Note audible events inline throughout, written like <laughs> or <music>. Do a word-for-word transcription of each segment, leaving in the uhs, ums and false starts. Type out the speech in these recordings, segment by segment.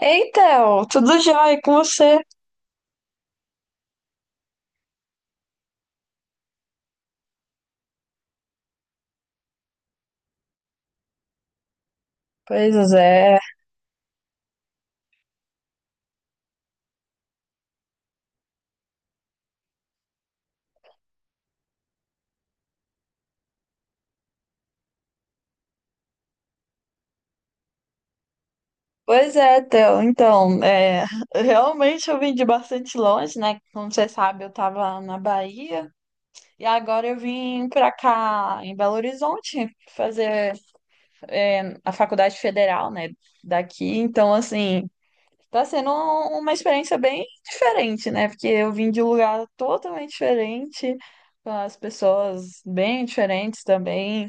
Ei, Theo, tudo jóia e com você? Pois é, pois é, Theo. Então, é, realmente eu vim de bastante longe, né? Como você sabe, eu tava na Bahia e agora eu vim pra cá, em Belo Horizonte, fazer é, a faculdade federal, né? Daqui. Então, assim, tá sendo um- uma experiência bem diferente, né? Porque eu vim de um lugar totalmente diferente, com as pessoas bem diferentes também.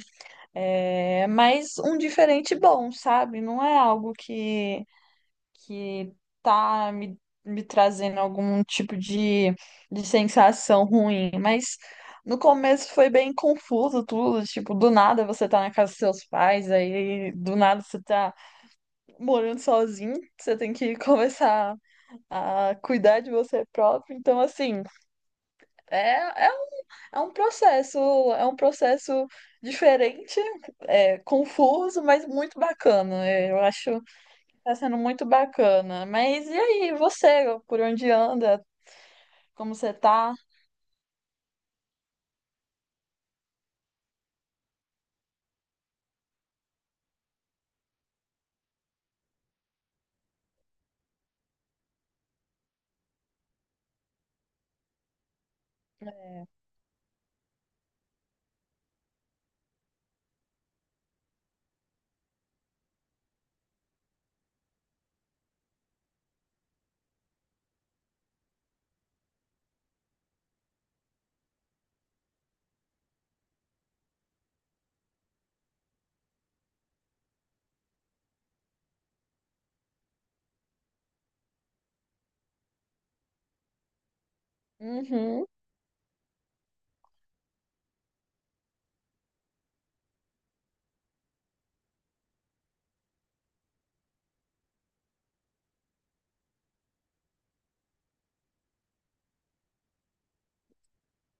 É, mas um diferente bom, sabe? Não é algo que, que tá me, me trazendo algum tipo de, de sensação ruim, mas no começo foi bem confuso tudo, tipo, do nada você tá na casa dos seus pais, aí do nada você tá morando sozinho, você tem que <laughs> começar a cuidar de você próprio, então assim. É, é um, é um processo, é um processo diferente, é, confuso, mas muito bacana. É, eu acho que tá sendo muito bacana. Mas e aí, você, por onde anda? Como você tá? Uhum.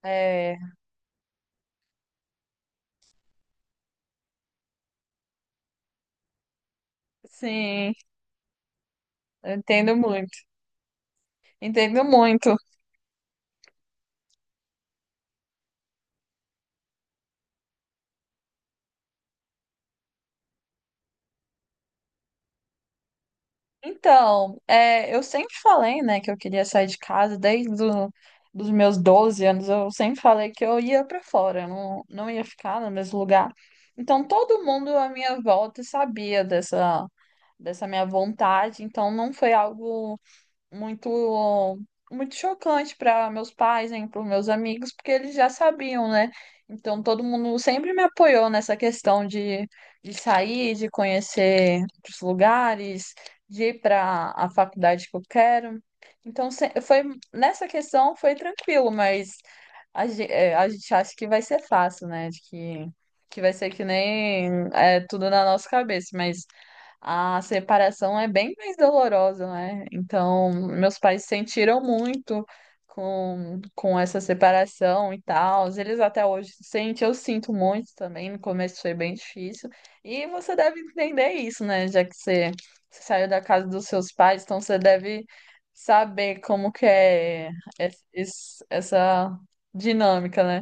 É, sim, eu entendo muito. Entendo muito. Então, é, eu sempre falei, né, que eu queria sair de casa desde o, dos meus doze anos. Eu sempre falei que eu ia pra fora, eu não, não ia ficar no mesmo lugar. Então, todo mundo à minha volta sabia dessa, dessa minha vontade. Então, não foi algo muito muito chocante para meus pais, hein, para meus amigos, porque eles já sabiam, né? Então todo mundo sempre me apoiou nessa questão de, de sair, de conhecer os lugares, de ir para a faculdade que eu quero. Então se- foi nessa questão foi tranquilo, mas a, ge- é, a gente acha que vai ser fácil, né? De que que vai ser que nem é, tudo na nossa cabeça, mas a separação é bem mais dolorosa, né? Então, meus pais sentiram muito com, com essa separação e tal. Eles até hoje sentem, eu sinto muito também. No começo foi bem difícil. E você deve entender isso, né? Já que você, você saiu da casa dos seus pais, então você deve saber como que é es- es- essa dinâmica, né?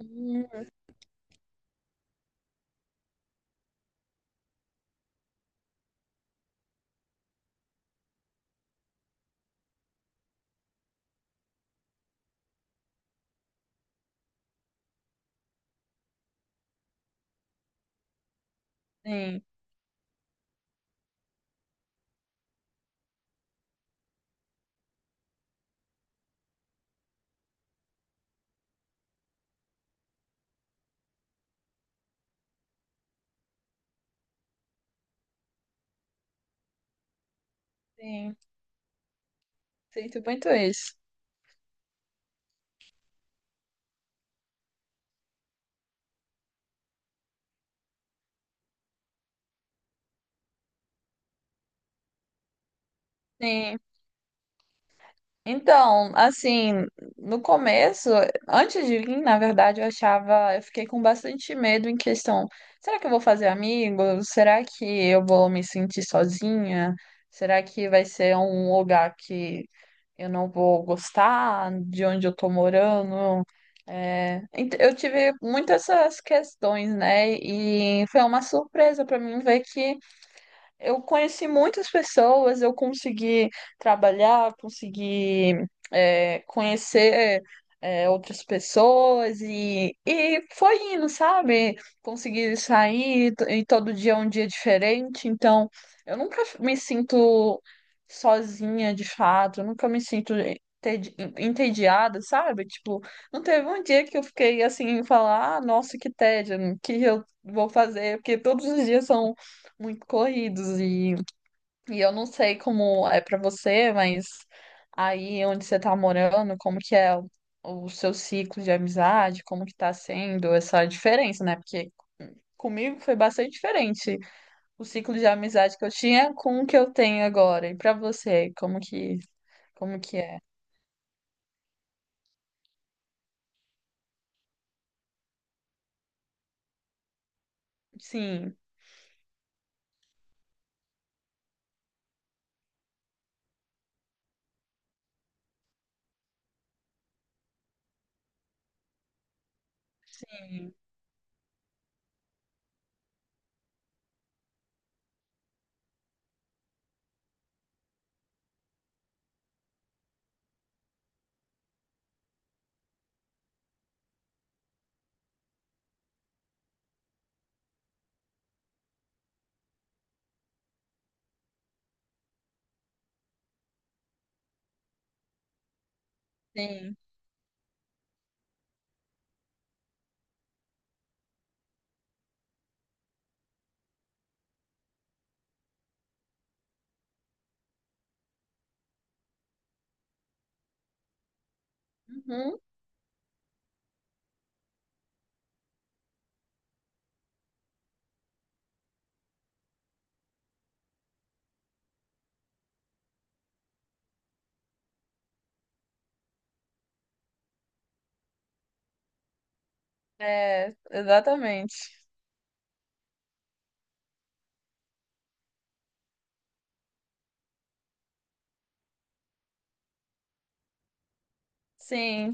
Hum, sim, sim. Sinto muito isso. Sim. Então, assim, no começo, antes de vir, na verdade, eu achava, eu fiquei com bastante medo em questão, será que eu vou fazer amigos? Será que eu vou me sentir sozinha? Será que vai ser um lugar que eu não vou gostar de onde eu tô morando? É, ent- eu tive muitas essas questões, né? E foi uma surpresa para mim ver que eu conheci muitas pessoas, eu consegui trabalhar, consegui é, conhecer é, outras pessoas e, e foi indo, sabe? Consegui sair t- e todo dia é um dia diferente, então eu nunca me sinto sozinha de fato, eu nunca me sinto entedi- entediada, sabe? Tipo, não teve um dia que eu fiquei assim, falar, ah, nossa, que tédio, o que eu vou fazer? Porque todos os dias são muito corridos e, e eu não sei como é pra você, mas aí onde você tá morando, como que é o o seu ciclo de amizade, como que tá sendo essa diferença, né? Porque comigo foi bastante diferente o ciclo de amizade que eu tinha com o que eu tenho agora. E pra você, como que como que é? Sim, sim, sim. Uhum. É, exatamente. Sim,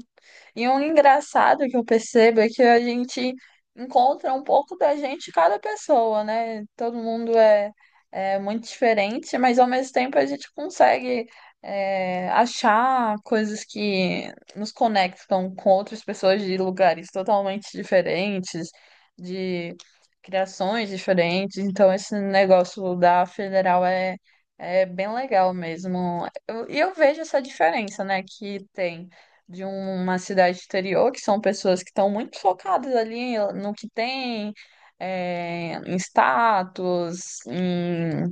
e um engraçado que eu percebo é que a gente encontra um pouco da gente em cada pessoa, né? Todo mundo é, é muito diferente, mas ao mesmo tempo a gente consegue é, achar coisas que nos conectam com outras pessoas de lugares totalmente diferentes, de criações diferentes. Então, esse negócio da federal é, é bem legal mesmo. Eu- E eu vejo essa diferença, né, que tem de uma cidade exterior, que são pessoas que estão muito focadas ali no que tem, é, em status, em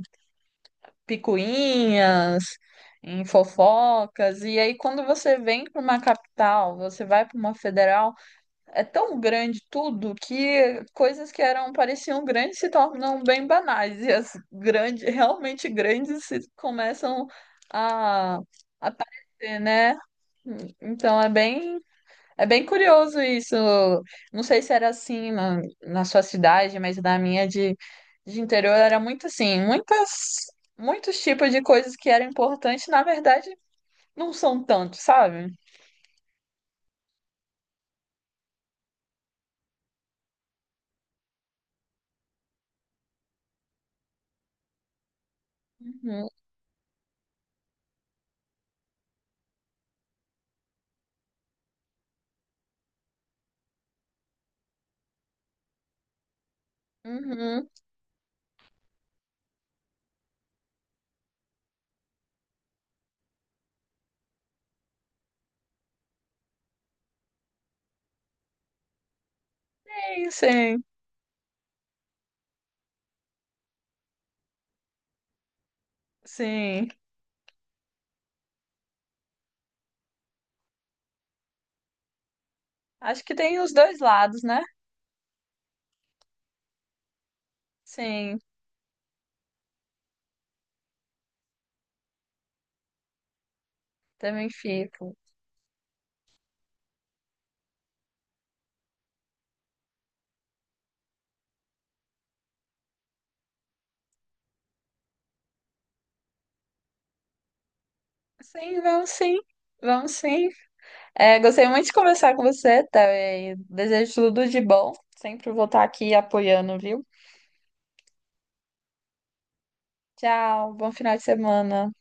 picuinhas, em fofocas. E aí, quando você vem para uma capital, você vai para uma federal, é tão grande tudo que coisas que eram pareciam grandes se tornam bem banais. E as grandes, realmente grandes, se começam a aparecer, né? Então é bem é bem curioso isso. Não sei se era assim na, na sua cidade, mas na minha de, de interior era muito assim, muitas, muitos tipos de coisas que eram importantes, na verdade, não são tantos, sabe? Uhum, uhum. Sim, sim, sim. Acho que tem os dois lados, né? Sim, também fico. Sim, vamos sim, vamos sim. É, gostei muito de conversar com você, Théo, e desejo tudo de bom. Sempre vou estar aqui apoiando, viu? Tchau, bom final de semana.